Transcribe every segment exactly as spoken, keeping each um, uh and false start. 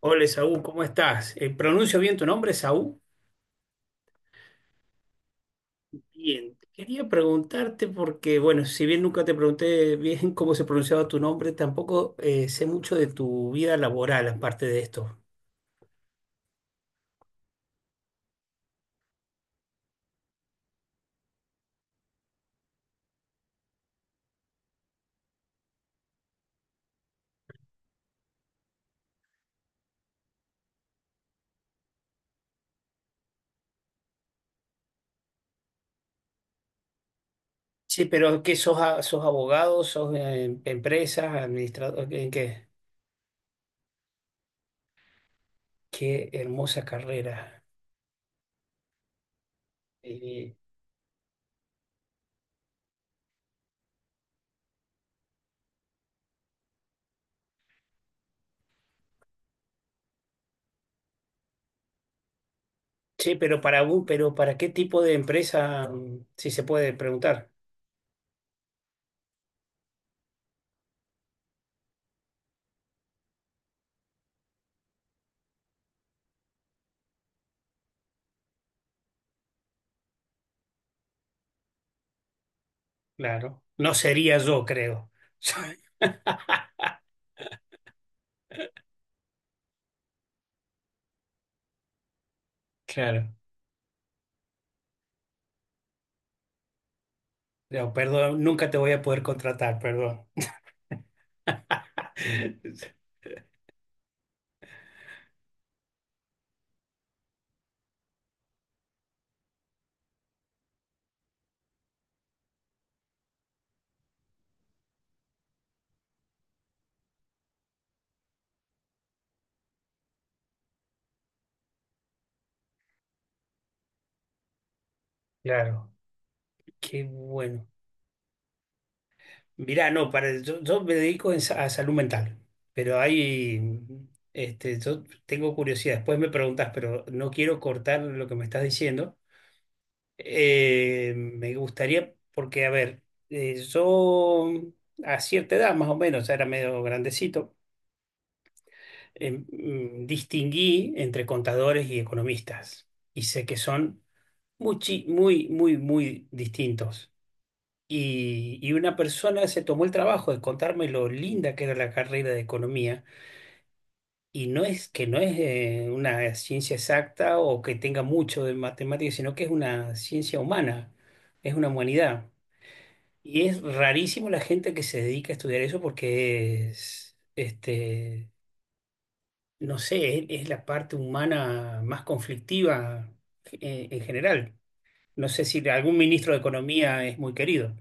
Hola, Saúl, ¿cómo estás? Eh, ¿pronuncio bien tu nombre, Saúl? Bien. Quería preguntarte porque, bueno, si bien nunca te pregunté bien cómo se pronunciaba tu nombre, tampoco eh, sé mucho de tu vida laboral aparte de esto. Sí, pero ¿qué sos, a- sos abogado, sos eh, empresa, administrador? ¿Qué, qué- qué hermosa carrera. Eh, sí, pero para, un- pero ¿para qué tipo de empresa, mm, si se puede preguntar? Claro. No sería yo, creo. Claro. No, perdón, nunca te voy a poder contratar, perdón. Claro, qué bueno. Mirá, no, para, yo, yo me dedico en sa- a salud mental, pero hay, este, yo tengo curiosidad, después me preguntas, pero no quiero cortar lo que me estás diciendo. Eh, me gustaría, porque, a ver, eh, yo a cierta edad, más o menos, ya era medio grandecito, eh, mm, distinguí entre contadores y economistas, y sé que son muchi- muy, muy, muy distintos. Y, y una persona se tomó el trabajo de contarme lo linda que era la carrera de economía. Y no es que no es eh, una ciencia exacta o que tenga mucho de matemáticas, sino que es una ciencia humana, es una humanidad. Y es rarísimo la gente que se dedica a estudiar eso porque es, este, no sé, es, es la parte humana más conflictiva eh, en general. No sé si algún ministro de Economía es muy querido.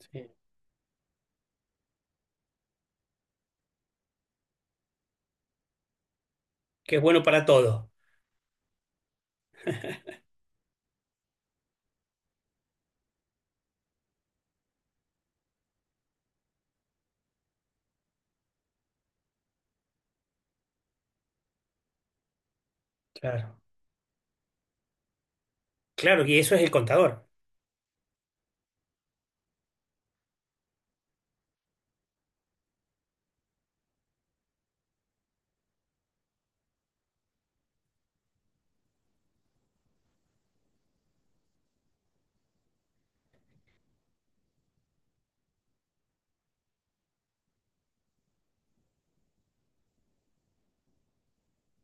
Sí. Que es bueno para todo. Claro. Claro, y eso es el contador.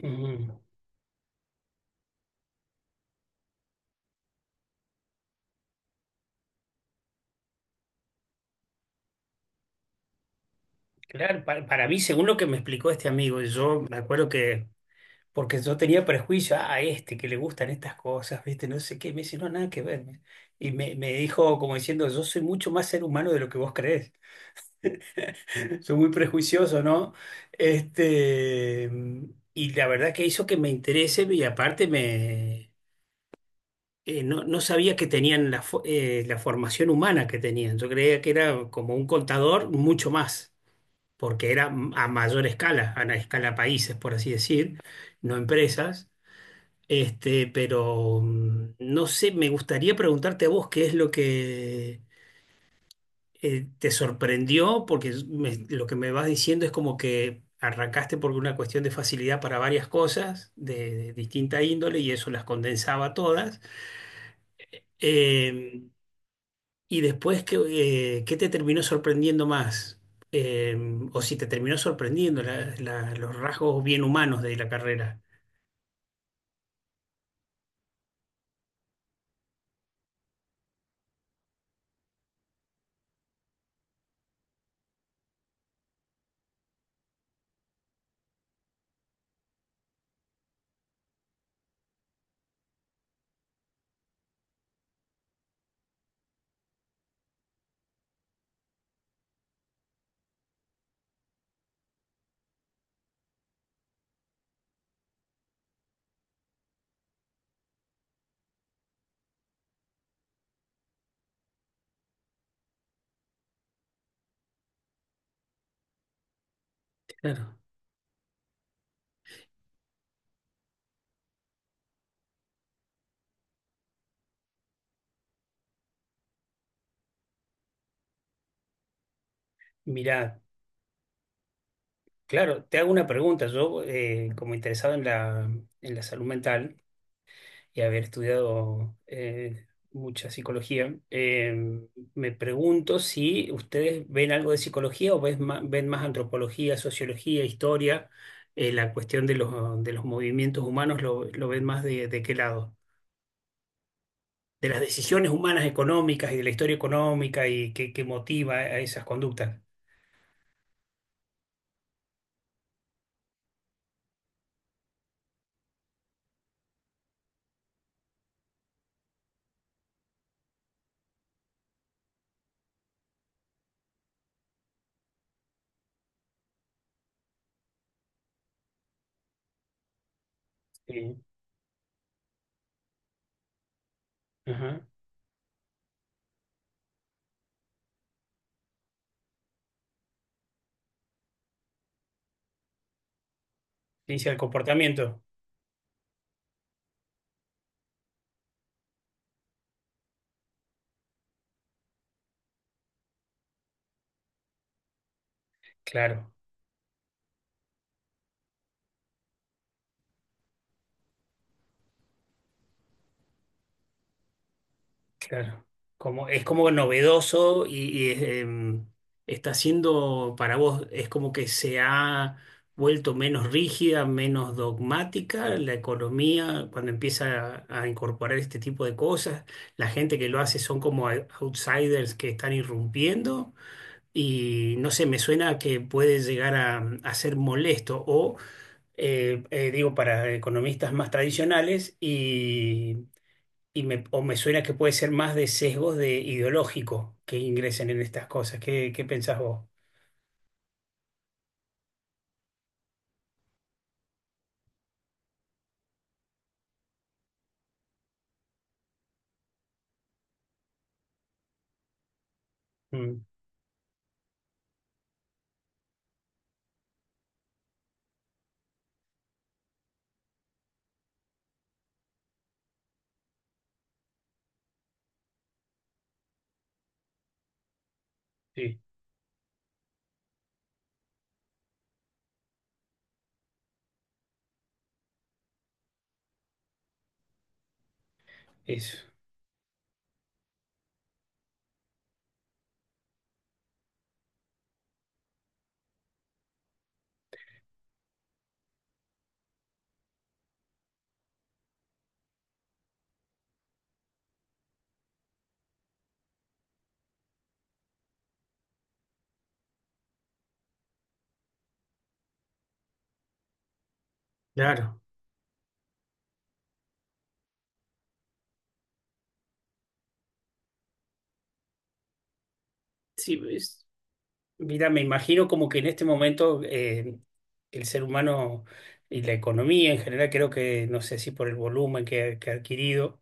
Mm. Claro, para, para mí, según lo que me explicó este amigo, yo me acuerdo que, porque yo tenía prejuicio, ah, a este que le gustan estas cosas, viste, no sé qué, me dice, no, nada que ver. Y me, me dijo como diciendo, yo soy mucho más ser humano de lo que vos crees. Soy muy prejuicioso, ¿no? Este, y la verdad que hizo que me interese y aparte me... eh, no, no sabía que tenían la, fo- eh, la formación humana que tenían. Yo creía que era como un contador mucho más, porque era m- a mayor escala, a la escala países, por así decir, no empresas. Este, pero mm, no sé, me gustaría preguntarte a vos qué es lo que eh, te sorprendió, porque es- me- lo que me vas diciendo es como que arrancaste por una cuestión de facilidad para varias cosas de de distinta índole y eso las condensaba todas. Em. Y después, ¿qué, eh, qué te terminó sorprendiendo más? Eh, o si te terminó sorprendiendo la- la- los rasgos bien humanos de la carrera. Claro. Mirá, claro, te hago una pregunta. Yo, eh, como interesado en la, en la salud mental y haber estudiado eh, mucha psicología, eh, me pregunto si ustedes ven algo de psicología o ves ma- ven más antropología, sociología, historia, eh, la cuestión de los, de los movimientos humanos, ¿lo, lo ven más de, de qué lado? De las decisiones humanas económicas y de la historia económica y que, que motiva a esas conductas. Sí. Ajá. Ciencia del comportamiento. Claro, claro. Como, es como novedoso y, y em, está siendo para vos, es como que se ha vuelto menos rígida, menos dogmática la economía cuando empieza a, a incorporar este tipo de cosas. La gente que lo hace son como outsiders que están irrumpiendo. Y no sé, me suena que puede llegar a, a ser molesto o, eh, eh, digo, para economistas más tradicionales y, y me, o me suena que puede ser más de sesgos de ideológico que ingresen en estas cosas. ¿Qué, qué pensás vos? Mm, sí, eso. Claro. Sí, es- mira, me imagino como que en este momento eh, el ser humano y la economía en general, creo que, no sé si por el volumen que que ha adquirido,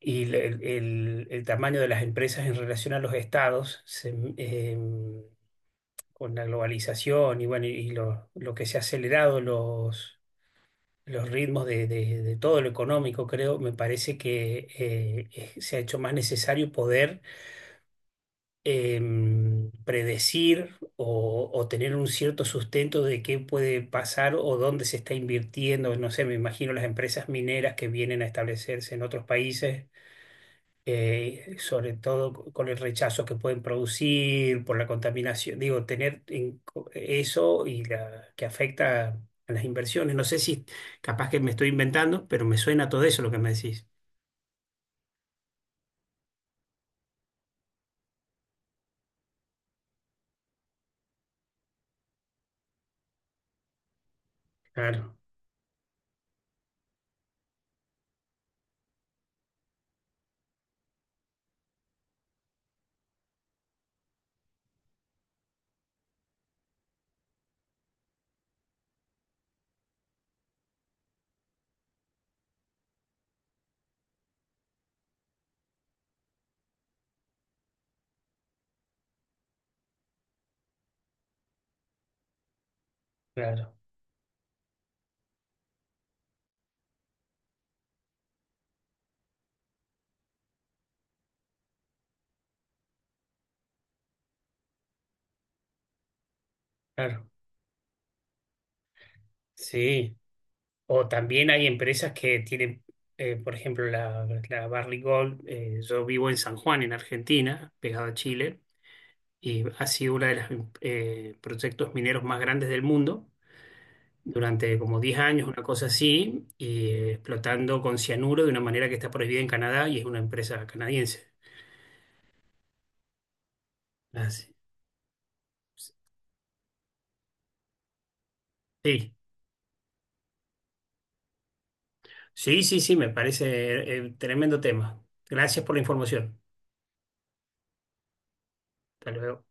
y el, el- el- tamaño de las empresas en relación a los estados se- em, con la globalización y bueno, y lo, lo que se ha acelerado los, los ritmos de, de- de todo lo económico, creo, me parece que eh, es- se ha hecho más necesario poder em, predecir o, o tener un cierto sustento de qué puede pasar o dónde se está invirtiendo. No sé, me imagino las empresas mineras que vienen a establecerse en otros países eh, sobre todo con el rechazo que pueden producir por la contaminación. Digo, tener en co- eso y la, que afecta a las inversiones. No sé si capaz que me estoy inventando, pero me suena todo eso lo que me decís. Claro, claro, claro. Sí. O también hay empresas que tienen, eh, por ejemplo, la, la Barrick Gold. Eh, yo vivo en San Juan, en Argentina, pegado a Chile, y ha sido uno de los proyectos mineros más grandes del mundo durante como diez años, una cosa así, y eh, explotando con cianuro de una manera que está prohibida en Canadá y es una empresa canadiense. Así- sí, sí, sí, sí, me parece eh, tremendo tema. Gracias por la información. Hasta luego.